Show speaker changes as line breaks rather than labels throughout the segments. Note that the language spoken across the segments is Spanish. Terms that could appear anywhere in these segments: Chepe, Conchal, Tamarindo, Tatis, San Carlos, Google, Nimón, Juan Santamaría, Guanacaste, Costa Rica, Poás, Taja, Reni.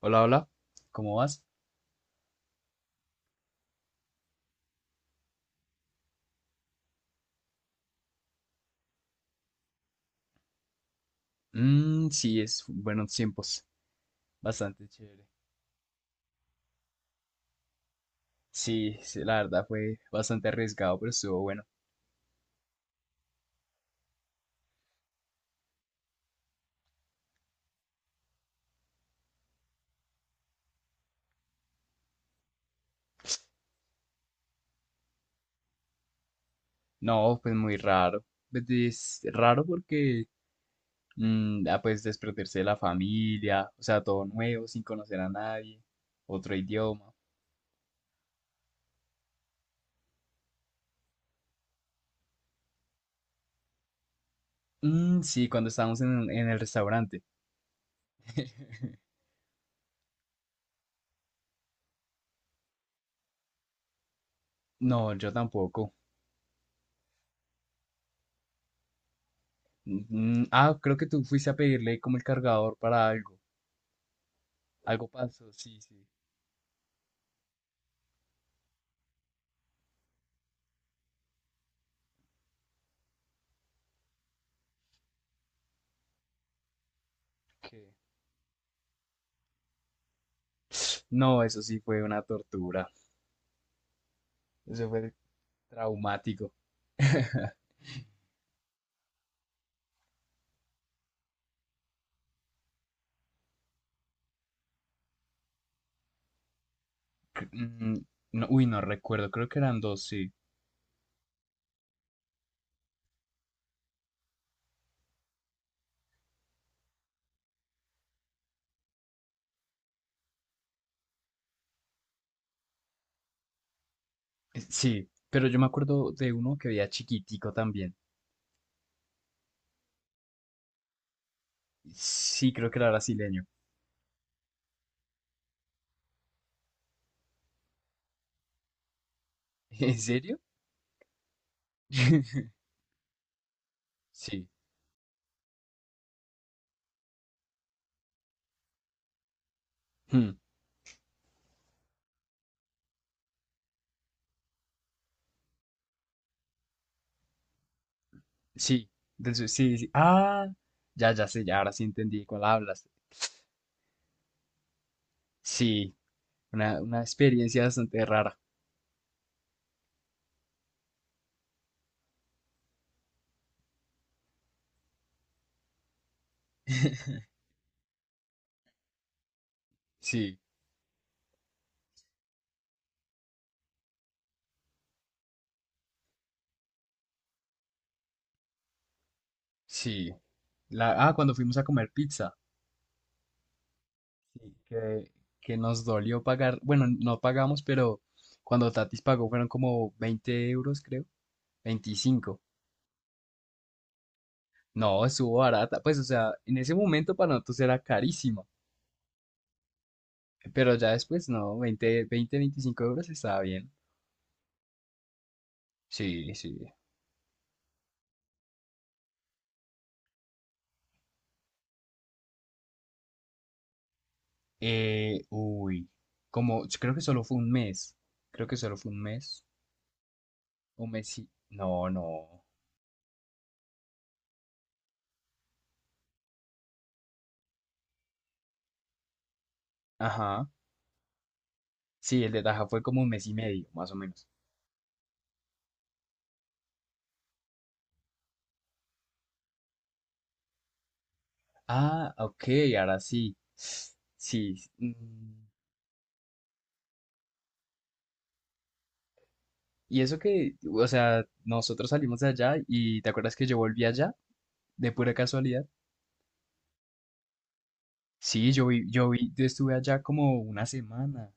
Hola, hola, ¿cómo vas? Mm, sí, es buenos tiempos, bastante chévere. Sí, sí, la verdad fue bastante arriesgado, pero estuvo bueno. No, pues muy raro. Pues es raro porque, pues desprenderse de la familia, o sea, todo nuevo, sin conocer a nadie, otro idioma. Mm, sí, cuando estábamos en el restaurante. No, yo tampoco. Creo que tú fuiste a pedirle como el cargador para algo. Algo pasó, sí, sí. ¿Qué? No, eso sí fue una tortura. Eso fue traumático. Mm, no, uy, no recuerdo, creo que eran dos, sí. Sí, pero yo me acuerdo de uno que veía chiquitico también. Sí, creo que era brasileño. ¿En serio? Sí. Hmm, sí, sí, sí. Ah, ya, ya sé, ya ahora sí entendí cuál hablas. Sí, una experiencia bastante rara. Sí, sí. Cuando fuimos a comer pizza. Sí, que nos dolió pagar, bueno, no pagamos, pero cuando Tatis pagó fueron como 20 euros, creo, 25. No, estuvo barata, pues, o sea, en ese momento para nosotros era carísima, pero ya después, no, 20, 20, 25 euros estaba bien. Sí, sí. Eh, uy, como, yo creo que solo fue un mes, creo que solo fue un mes y, no, no, ajá, sí, el de Taja fue como un mes y medio, más o menos. Ah, ok, ahora sí. Sí. Y eso que, o sea, nosotros salimos de allá y ¿te acuerdas que yo volví allá de pura casualidad? Sí, yo estuve allá como una semana.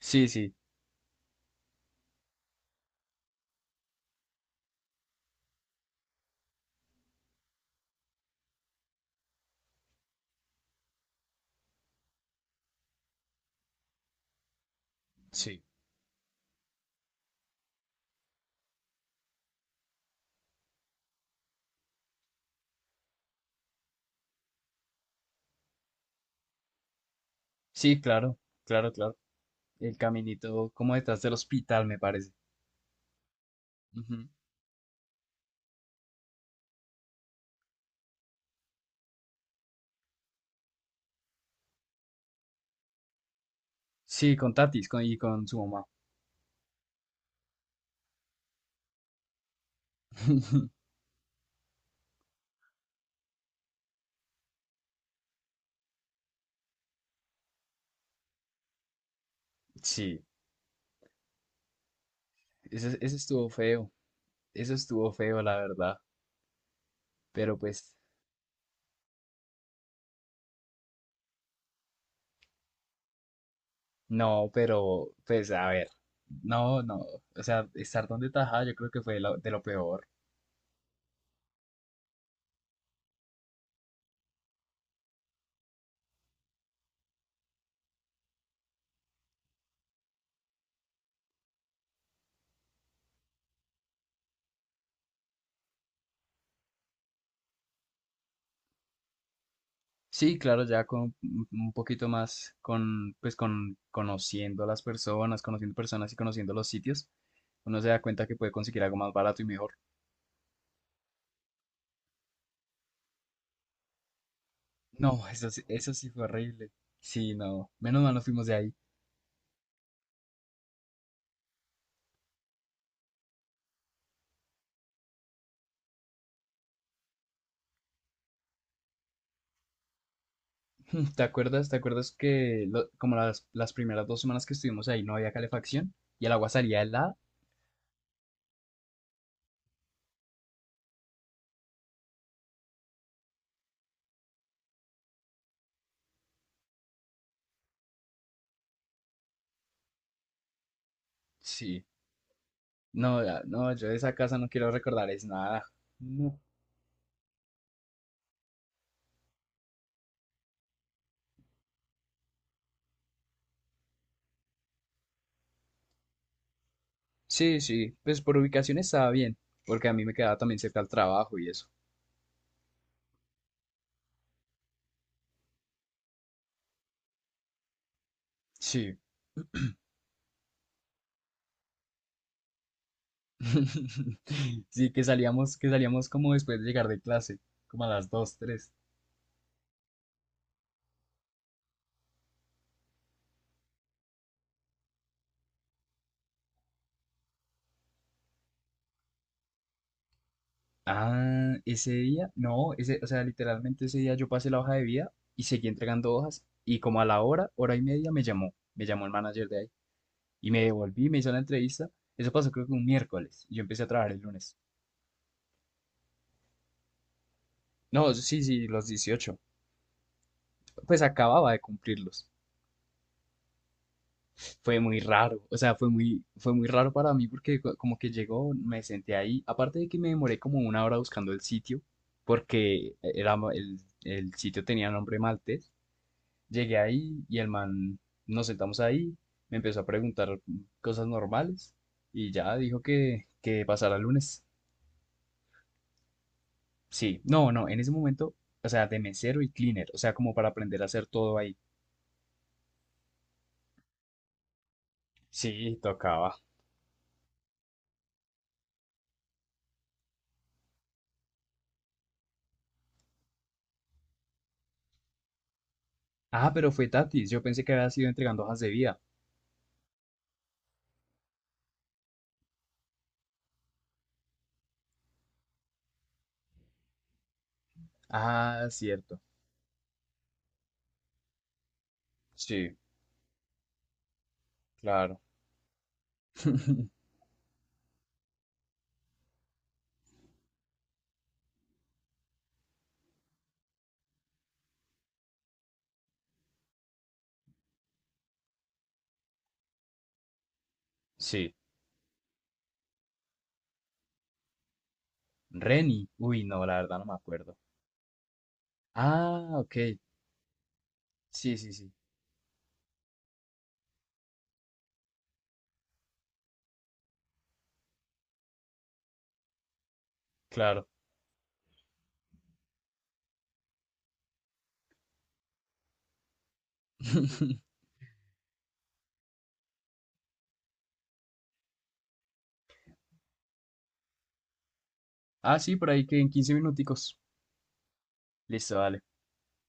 Sí, sí, sí. Sí, claro, claro, claro. El caminito como detrás del hospital, me parece. Ujú. Sí, con Tatis con, y con su mamá. Sí, ese estuvo feo. Eso estuvo feo, la verdad. Pero pues. No, pero pues a ver, no, no, o sea, estar donde tajada yo creo que fue lo- de lo peor. Sí, claro, ya con un poquito más con, pues con conociendo a las personas, conociendo personas y conociendo los sitios, uno se da cuenta que puede conseguir algo más barato y mejor. No, eso sí fue horrible. Sí, no, menos mal nos fuimos de ahí. ¿Te acuerdas? ¿Te acuerdas que lo- como las primeras 2 semanas que estuvimos ahí no había calefacción y el agua salía helada? Sí. No, ya, no, yo de esa casa no quiero recordar es nada. No. Sí, sí, pues por ubicación estaba bien, porque a mí me quedaba también cerca al trabajo y eso. Sí. Sí, que salíamos como después de llegar de clase, como a las 2, 3. Ese día, no, ese, o sea, literalmente ese día yo pasé la hoja de vida y seguí entregando hojas y como a la hora, hora y media me llamó el manager de ahí y me devolví, me hizo la entrevista. Eso pasó creo que un miércoles y yo empecé a trabajar el lunes. No, sí, sí, los 18. Pues acababa de cumplirlos. Fue muy raro, o sea, fue muy raro para mí porque como que llegó, me senté ahí, aparte de que me demoré como una hora buscando el sitio, porque era, el sitio tenía nombre maltés, llegué ahí y el man, nos sentamos ahí, me empezó a preguntar cosas normales y ya dijo que pasara el lunes. Sí, no, no, en ese momento, o sea, de mesero y cleaner, o sea, como para aprender a hacer todo ahí. Sí, tocaba. Ah, pero fue Tatis. Yo pensé que había sido entregando hojas de vida. Ah, cierto. Sí, claro. Sí. Reni. Uy, no, la verdad no me acuerdo. Ah, ok. Sí, sí, sí. Claro. Ah, sí, por ahí que en 15 minuticos. Listo, dale.